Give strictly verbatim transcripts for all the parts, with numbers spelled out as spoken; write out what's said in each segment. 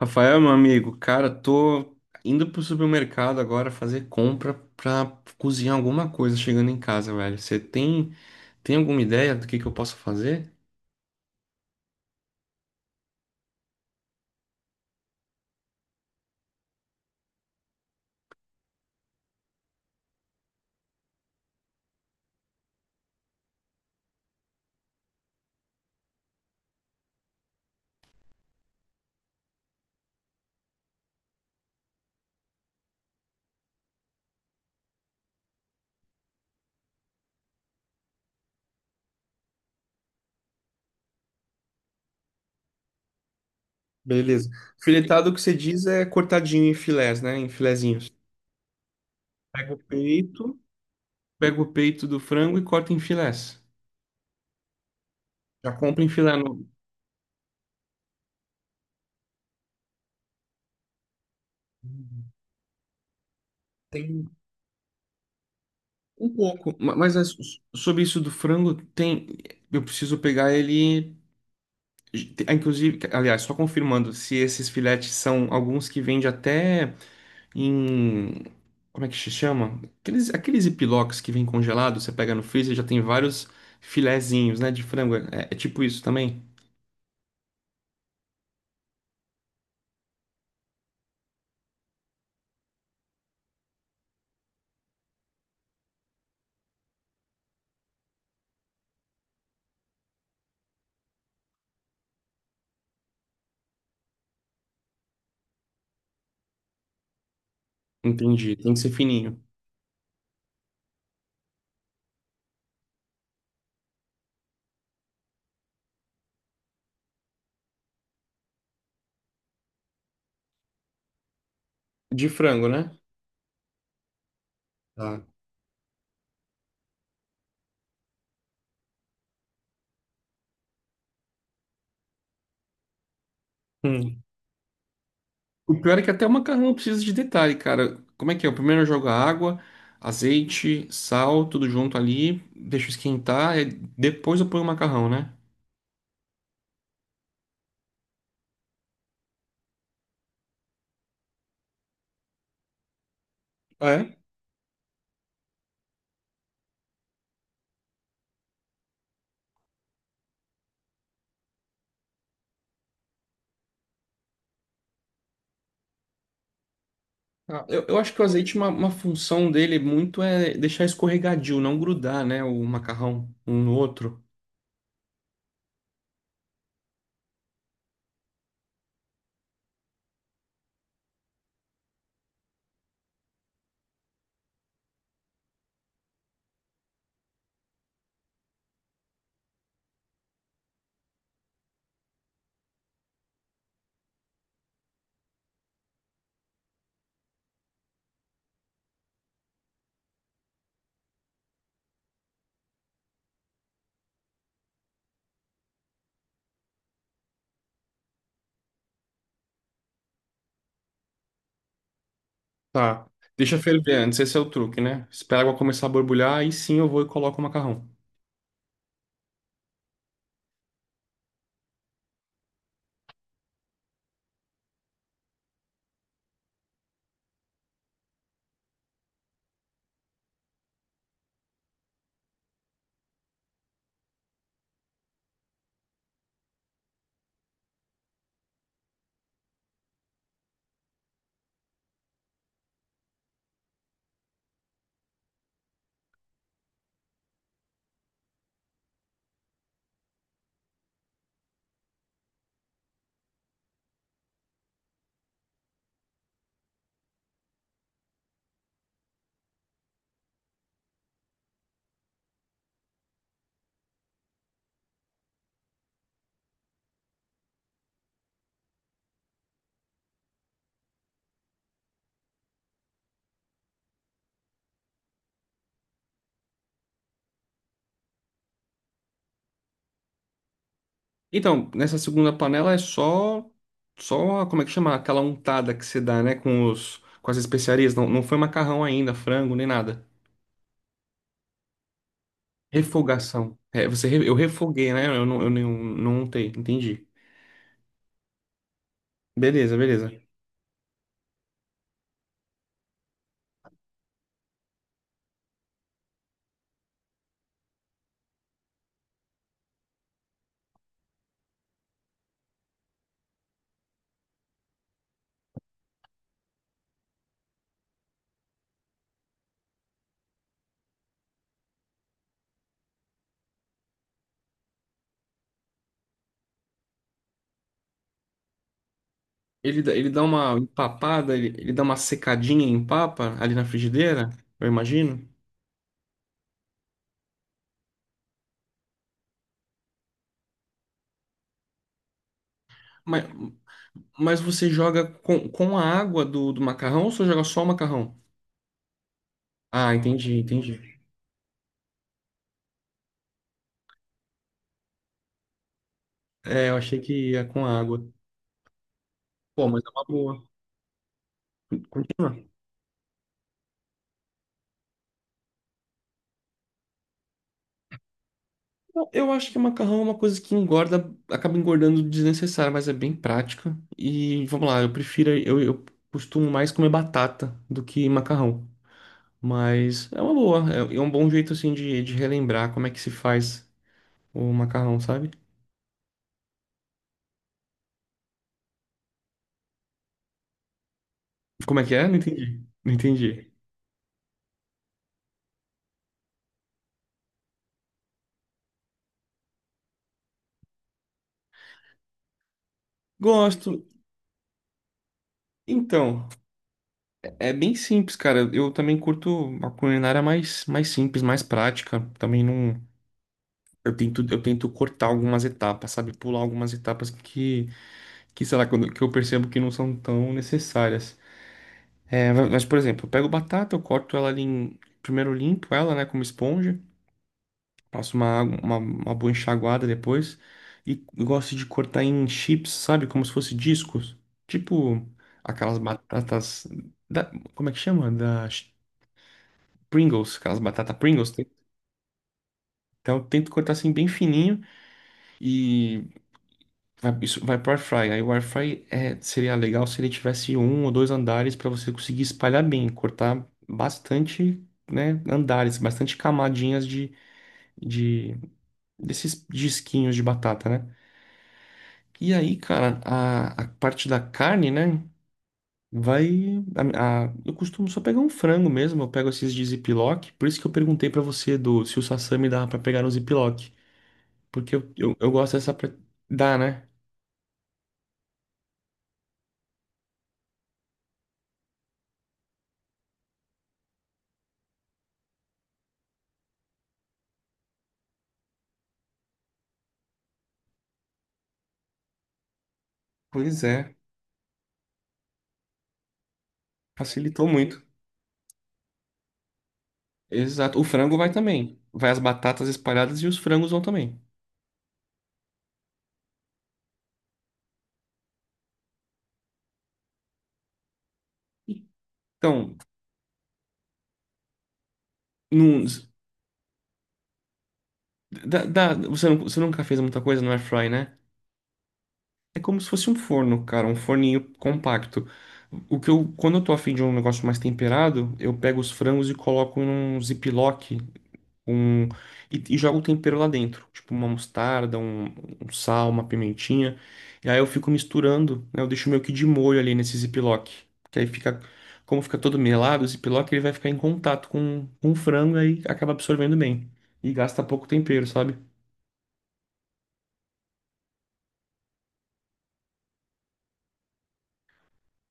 Rafael, meu amigo, cara, tô indo pro supermercado agora fazer compra pra cozinhar alguma coisa chegando em casa, velho. Você tem, tem alguma ideia do que que eu posso fazer? Beleza. Filetado, o que você diz é cortadinho em filés, né? Em filezinhos. Pega o peito, Pego o peito do frango e corta em filés. Já compra em filé. no- Tem um pouco. Ma- Mas é so- sobre isso do frango, tem, eu preciso pegar ele. Inclusive, aliás, só confirmando se esses filetes são alguns que vende até em. Como é que se chama? Aqueles, aqueles epiloques que vem congelado, você pega no freezer, e já tem vários filezinhos, né? De frango. É, é tipo isso também? Entendi. Tem que ser fininho. De frango, né? Tá. Hum. O pior é que até o macarrão precisa de detalhe, cara. Como é que é? Eu primeiro jogo a água, azeite, sal, tudo junto ali, deixo esquentar, e depois eu ponho o macarrão, né? Ah, Eu, eu acho que o azeite, uma, uma função dele muito é deixar escorregadio, não grudar, né? O macarrão um no outro. Tá. Deixa ferver antes, esse é o truque, né? Espera a água começar a borbulhar, aí sim eu vou e coloco o macarrão. Então, nessa segunda panela é só, só, como é que chama? Aquela untada que você dá, né? Com os, com as especiarias. Não, não foi macarrão ainda, frango, nem nada. Refogação. É, você, re- eu refoguei, né? Eu não, eu não, não untei, entendi. Beleza, beleza. Ele, dá- ele dá uma empapada, ele, ele dá uma secadinha em papa ali na frigideira, eu imagino. Mas, mas você joga com, com a água do, do macarrão ou você joga só o macarrão? Ah, entendi, entendi. É, eu achei que ia com água. Pô, mas é uma boa. Continua. Eu eu acho que macarrão é uma coisa que engorda, acaba engordando desnecessário, mas é bem prática. E vamos lá, eu prefiro, eu, eu costumo mais comer batata do que macarrão. Mas é uma boa, é é um bom jeito assim de, de relembrar como é que se faz o macarrão, sabe? Como é que é? Não entendi. Não entendi. Gosto. Então, é bem simples, cara. Eu também curto a culinária mais, mais simples, mais prática. Também não. Eu tento, eu tento cortar algumas etapas, sabe? Pular algumas etapas que, que sei lá, quando- que eu percebo que não são tão necessárias. É, mas, por exemplo, eu pego batata, eu corto ela ali em. Primeiro limpo ela, né, como esponja. Passo uma, água- uma, uma boa enxaguada depois. E gosto de cortar em chips, sabe? Como se fosse discos. Tipo aquelas batatas. Da- como é que chama? Da Pringles, aquelas batatas Pringles. Tem- Então eu tento cortar assim bem fininho e vai, isso vai pro air fry. Aí o air fry é, seria legal se ele tivesse um ou dois andares para você conseguir espalhar bem, cortar bastante, né, andares, bastante camadinhas de, de desses disquinhos de batata, né? E aí, cara, a, a parte da carne, né? Vai. A, a- eu costumo só pegar um frango mesmo, eu pego esses de ziplock. Por isso que eu perguntei pra você do se o sashimi dava pra pegar no ziplock. Porque eu, eu, eu gosto dessa. pre- Dá, né? Pois é, facilitou muito. Exato. O frango vai também. Vai as batatas espalhadas e os frangos vão também. Então, num, dá, dá- você, não, você nunca fez muita coisa no air fry, né? É como se fosse um forno, cara, um forninho compacto. O que eu, quando eu tô afim de um negócio mais temperado, eu pego os frangos e coloco num ziplock, um e, e jogo o tempero lá dentro, tipo uma mostarda, um, um sal, uma pimentinha. E aí eu fico misturando, né? Eu deixo meio que de molho ali nesse ziplock, que aí fica, como fica todo melado, o ziplock ele vai ficar em contato com, com o frango aí acaba absorvendo bem e gasta pouco tempero, sabe?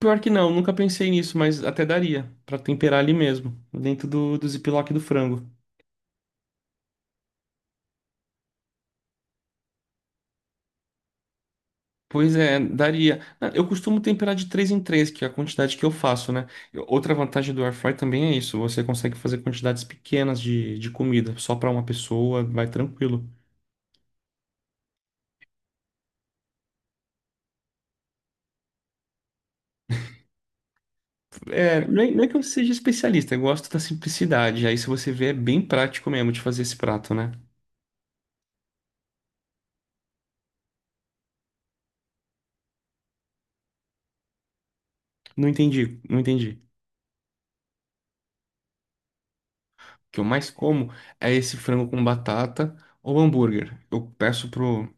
Pior que não, nunca pensei nisso, mas até daria pra temperar ali mesmo, dentro do, do ziplock do frango. Pois é, daria. Ah, eu costumo temperar de três em três, que é a quantidade que eu faço, né? Eu- Outra vantagem do air fry também é isso, você consegue fazer quantidades pequenas de, de comida, só pra uma pessoa, vai tranquilo. É, não é, não é que eu seja especialista, eu gosto da simplicidade. Aí se você vê, é bem prático mesmo de fazer esse prato, né? Não entendi, não entendi. O que eu mais como é esse frango com batata ou hambúrguer. Eu peço pro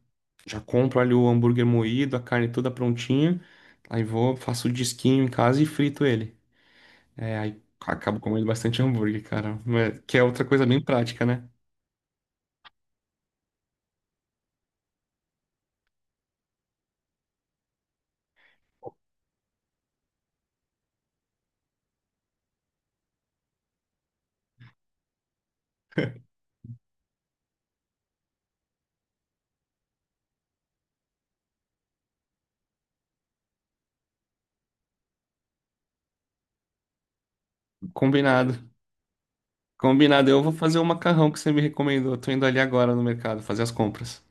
Já compro ali o hambúrguer moído, a carne toda prontinha. Aí vou, faço o disquinho em casa e frito ele. É, aí acabo comendo bastante hambúrguer, cara. Mas- Que é outra coisa bem prática, né? Combinado. Combinado. Eu vou fazer o macarrão que você me recomendou. Eu tô indo ali agora no mercado fazer as compras.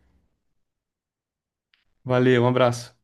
Valeu, um abraço.